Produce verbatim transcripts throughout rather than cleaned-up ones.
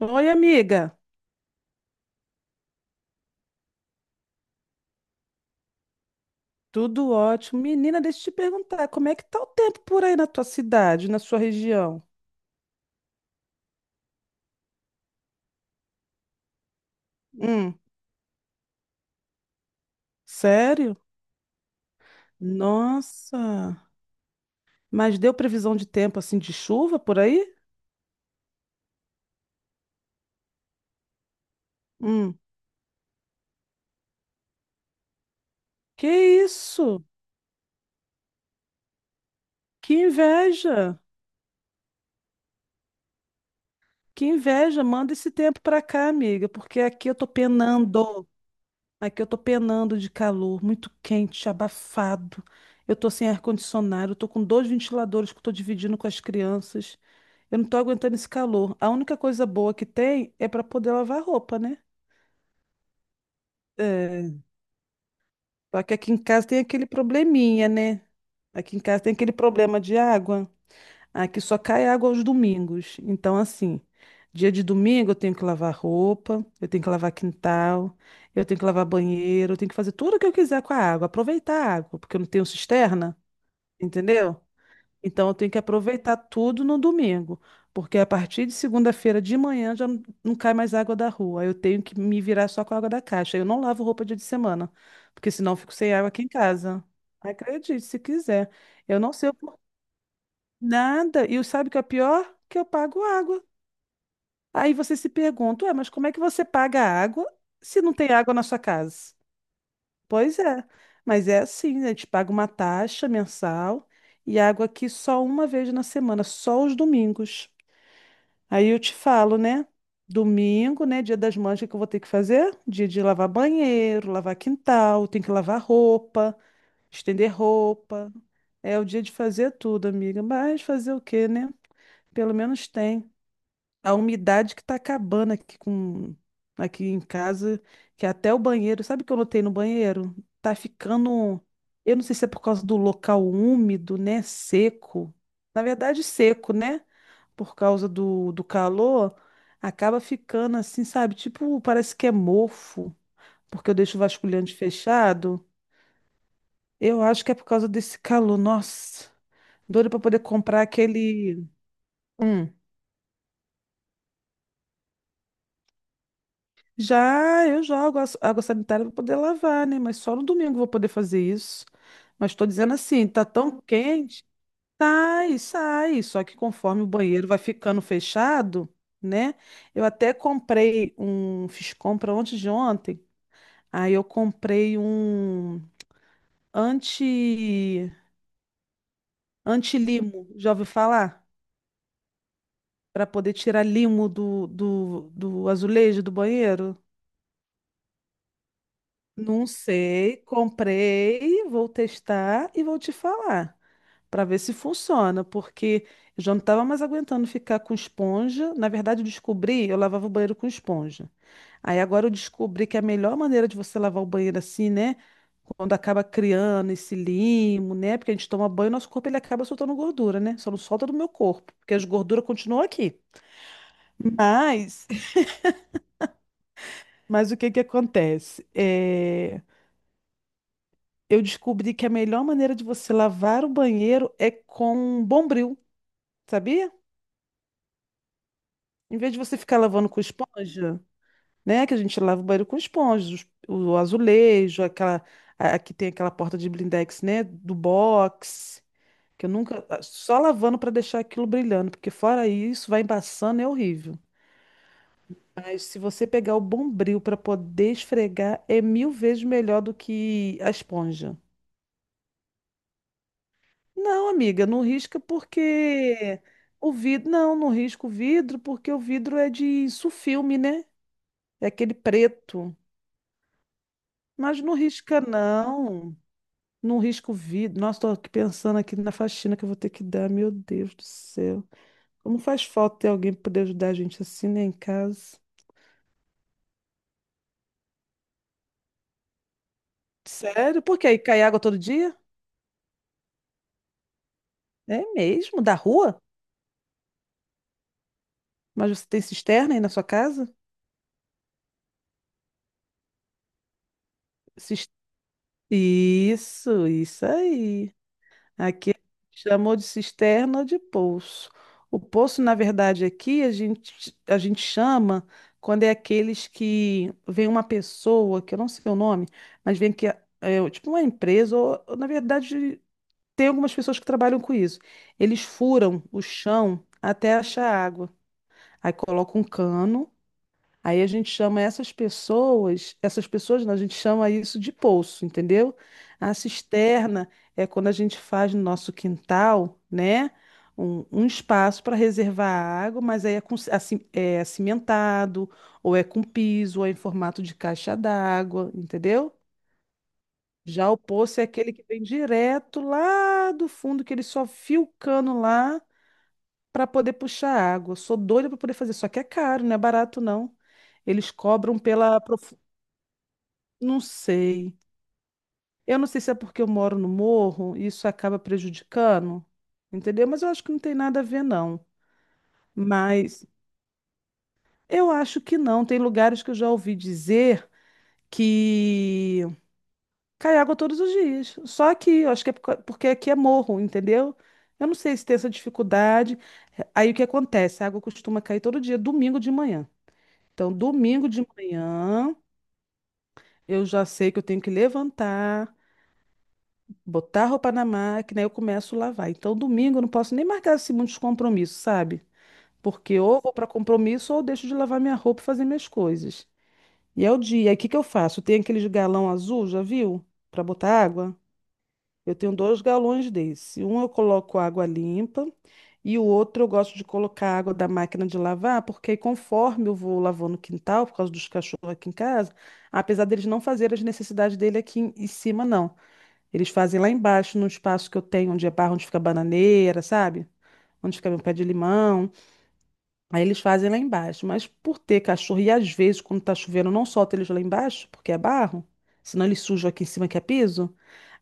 Oi, amiga. Tudo ótimo. Menina, deixa eu te perguntar, como é que tá o tempo por aí na tua cidade, na sua região? Hum, sério? Nossa. Mas deu previsão de tempo assim de chuva por aí? Hum, que isso? Que inveja. Que inveja. Manda esse tempo pra cá, amiga, porque aqui eu tô penando. Aqui eu tô penando de calor, muito quente, abafado. Eu tô sem ar-condicionado, eu tô com dois ventiladores que eu tô dividindo com as crianças. Eu não tô aguentando esse calor. A única coisa boa que tem é para poder lavar roupa, né? É, só que aqui em casa tem aquele probleminha, né? Aqui em casa tem aquele problema de água. Aqui só cai água aos domingos. Então, assim, dia de domingo eu tenho que lavar roupa, eu tenho que lavar quintal, eu tenho que lavar banheiro, eu tenho que fazer tudo o que eu quiser com a água, aproveitar a água, porque eu não tenho cisterna, entendeu? Então, eu tenho que aproveitar tudo no domingo, porque a partir de segunda-feira de manhã já não não cai mais água da rua. Eu tenho que me virar só com a água da caixa. Eu não lavo roupa dia de semana, porque senão eu fico sem água aqui em casa. Acredite, se quiser. Eu não sei. Nada. E o- sabe o que é pior? Que eu pago água. Aí você se pergunta, ué, mas como é que você paga água se não tem água na sua casa? Pois é. Mas é assim, né? A gente paga uma taxa mensal e água aqui só uma vez na semana, só os domingos. Aí eu te falo, né? Domingo, né? Dia das Mães, o que que eu vou ter que fazer? Dia de lavar banheiro, lavar quintal, tem que lavar roupa, estender roupa. É o dia de fazer tudo, amiga. Mas fazer o quê, né? Pelo menos tem. A umidade que tá acabando aqui com aqui em casa, que até o banheiro, sabe o que eu notei no banheiro? Tá ficando, eu não sei se é por causa do local úmido, né, seco. Na verdade, seco, né? Por causa do, do calor, acaba ficando assim, sabe? Tipo, parece que é mofo, porque eu deixo o vasculhante fechado. Eu acho que é por causa desse calor. Nossa, doido pra poder comprar aquele. Hum. Já eu jogo as- água sanitária para poder lavar, né? Mas só no domingo eu vou poder fazer isso. Mas estou dizendo assim, tá tão quente, sai, sai. Só que conforme o banheiro vai ficando fechado, né? Eu até comprei um, fiz compra ontem de ontem. Aí eu comprei um anti anti-limo, já ouviu falar? Para poder tirar limo do, do, do azulejo do banheiro. Não sei, comprei, vou testar e vou te falar para ver se funciona, porque eu já não estava mais aguentando ficar com esponja. Na verdade, eu descobri, eu lavava o banheiro com esponja. Aí agora eu descobri que é a melhor maneira de você lavar o banheiro assim, né? Quando acaba criando esse limo, né? Porque a gente toma banho, nosso corpo ele acaba soltando gordura, né? Só não solta do meu corpo, porque as gorduras continuam aqui. Mas, mas o que que acontece? É... Eu descobri que a melhor maneira de você lavar o banheiro é com bombril, sabia? Em vez de você ficar lavando com esponja, né? Que a gente lava o banheiro com esponja, os- o azulejo, aquela, a- aqui tem aquela porta de blindex, né? Do box, que eu nunca, ah, só lavando para deixar aquilo brilhando, porque fora isso, vai embaçando, é horrível. Mas se você pegar o bombril para poder esfregar, é mil vezes melhor do que a esponja. Não, amiga, não risca porque o vidro. Não, não risca o vidro porque o vidro é de sulfilme, né? É aquele preto. Mas não risca, não. Não risca o vidro. Nossa, tô aqui pensando aqui na faxina que eu vou ter que dar. Meu Deus do céu. Como faz falta ter alguém para poder ajudar a gente assim, né, em casa? Sério? Por quê? Aí cai água todo dia? É mesmo? Da rua? Mas você tem cisterna aí na sua casa? Cis- Isso, isso aí. Aqui chamou de cisterna de poço. O poço, na verdade, aqui a gente, a gente chama quando é aqueles que vem uma pessoa, que eu não sei o nome, mas vem que é, é tipo uma empresa, ou ou, na verdade tem algumas pessoas que trabalham com isso. Eles furam o chão até achar água. Aí colocam um cano. Aí a gente chama essas pessoas, essas pessoas, não, a gente chama isso de poço, entendeu? A cisterna é quando a gente faz no nosso quintal, né? Um, um espaço para reservar a água, mas aí é, com, assim, é cimentado, ou é com piso, ou é em formato de caixa d'água, entendeu? Já o poço é aquele que vem direto lá do fundo, que ele só fia o cano lá para poder puxar água. Eu sou doida para poder fazer, só que é caro, não é barato não. Eles cobram pela profu- não sei. Eu não sei se é porque eu moro no morro e isso acaba prejudicando, entendeu? Mas eu acho que não tem nada a ver não. Mas eu acho que não. Tem lugares que eu já ouvi dizer que cai água todos os dias. Só aqui, eu acho que é por ca- porque aqui é morro, entendeu? Eu não sei se tem essa dificuldade. Aí o que acontece? A água costuma cair todo dia, domingo de manhã. Então, domingo de manhã, eu já sei que eu tenho que levantar, botar a roupa na máquina, aí eu começo a lavar. Então, domingo eu não posso nem marcar assim muitos compromissos, sabe? Porque ou vou para compromisso ou eu deixo de lavar minha roupa e fazer minhas coisas. E é o dia. Aí o que que eu faço? Tem aqueles galão azul, já viu? Para botar água? Eu tenho dois galões desse. Um eu coloco água limpa e o outro eu gosto de colocar água da máquina de lavar, porque aí conforme eu vou lavando o quintal, por causa dos cachorros aqui em casa, apesar deles não fazerem as necessidades dele aqui em em cima, não. Eles fazem lá embaixo, no espaço que eu tenho, onde é barro, onde fica a bananeira, sabe? Onde fica meu pé de limão. Aí eles fazem lá embaixo. Mas por ter cachorro, e às vezes, quando tá chovendo, não solta eles lá embaixo, porque é barro, senão eles sujam aqui em cima que é piso.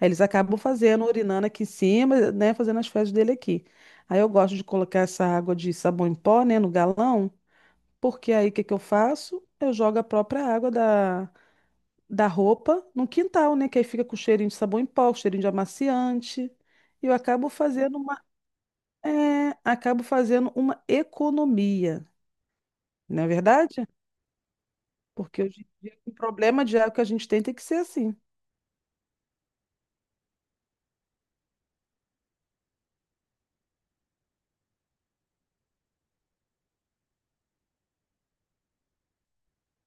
Aí eles acabam fazendo, urinando aqui em cima, né? Fazendo as fezes dele aqui. Aí eu gosto de colocar essa água de sabão em pó, né, no galão, porque aí o que que eu faço? Eu jogo a própria água da, da roupa no quintal, né? Que aí fica com cheirinho de sabão em pó, cheirinho de amaciante. E eu acabo fazendo uma, é, acabo fazendo uma economia, não é verdade? Porque hoje em dia, o problema de água que a gente tem tem que ser assim.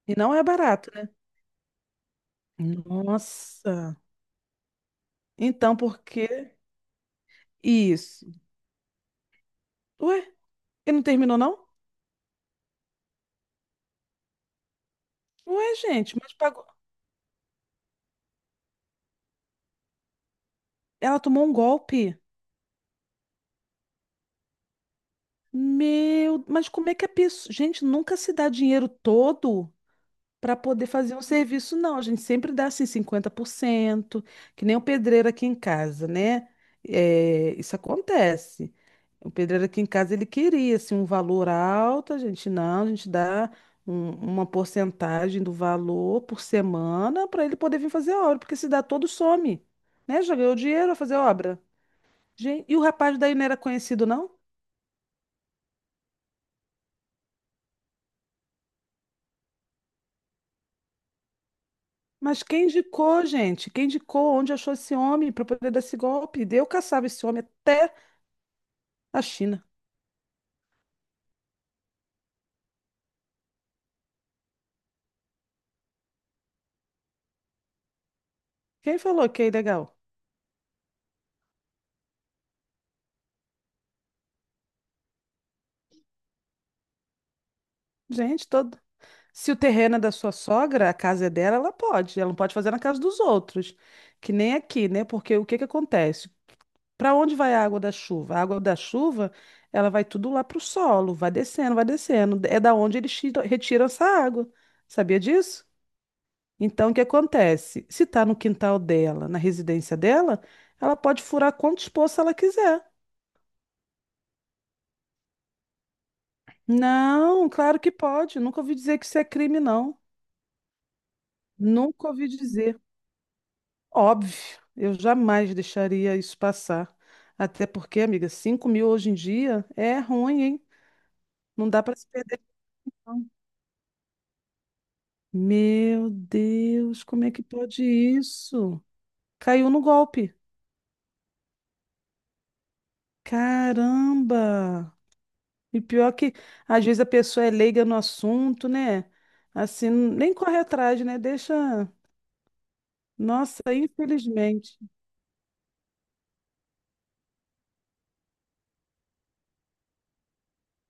E não é barato, né? Nossa. Então, por que isso? Ué, ele não terminou, não? Ué, gente, mas pagou. Ela tomou um golpe. Meu, mas como é que a pessoa. Gente, nunca se dá dinheiro todo para poder fazer um serviço, não. A gente sempre dá assim cinquenta por cento que nem o pedreiro aqui em casa, né? É, isso acontece. O pedreiro aqui em casa, ele queria, assim, um valor alto, a gente não, a gente dá um- uma porcentagem do valor por semana para ele poder vir fazer a obra, porque se dá todo, some, né? Já ganhou dinheiro vai fazer obra. Gente, e o rapaz daí não era conhecido, não? Mas quem indicou, gente? Quem indicou onde achou esse homem para poder dar esse golpe? Eu caçava esse homem até a China. Quem falou que é ilegal? Gente, se o terreno é da sua sogra, a casa é dela, ela pode. Ela não pode fazer na casa dos outros, que nem aqui, né? Porque o que que acontece? Para onde vai a água da chuva? A água da chuva, ela vai tudo lá para o solo, vai descendo, vai descendo. É da onde eles tiram- retiram essa água. Sabia disso? Então, o que acontece? Se está no quintal dela, na residência dela, ela pode furar quantos poços ela quiser. Não, claro que pode. Nunca ouvi dizer que isso é crime, não. Nunca ouvi dizer. Óbvio, eu jamais deixaria isso passar. Até porque, amiga, cinco mil hoje em dia é ruim, hein? Não dá para se perder. Não. Meu Deus, como é que pode isso? Caiu no golpe. Caramba! E pior que, às vezes, a pessoa é leiga no assunto, né? Assim, nem corre atrás, né? Deixa. Nossa, infelizmente.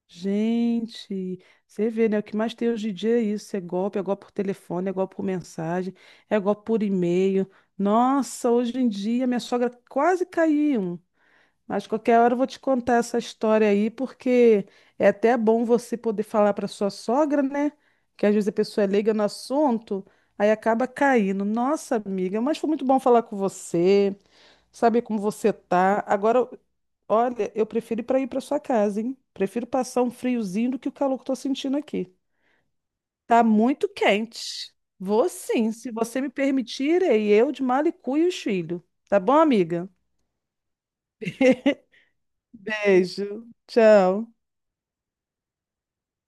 Gente, você vê, né? O que mais tem hoje em dia é isso. É golpe, é golpe por telefone, é golpe por mensagem, é golpe por e-mail. Nossa, hoje em dia minha sogra quase caiu em um. Mas qualquer hora eu vou te contar essa história aí, porque é até bom você poder falar para sua sogra, né? Que às vezes a pessoa é leiga no assunto, aí acaba caindo. Nossa, amiga, mas foi muito bom falar com você, saber como você tá. Agora olha, eu prefiro ir para ir para sua casa, hein? Prefiro passar um friozinho do que o calor que eu tô sentindo aqui. Tá muito quente. Vou sim, se você me permitir, irei eu de mala e cuia e os filhos. Tá bom, amiga? Beijo. Tchau.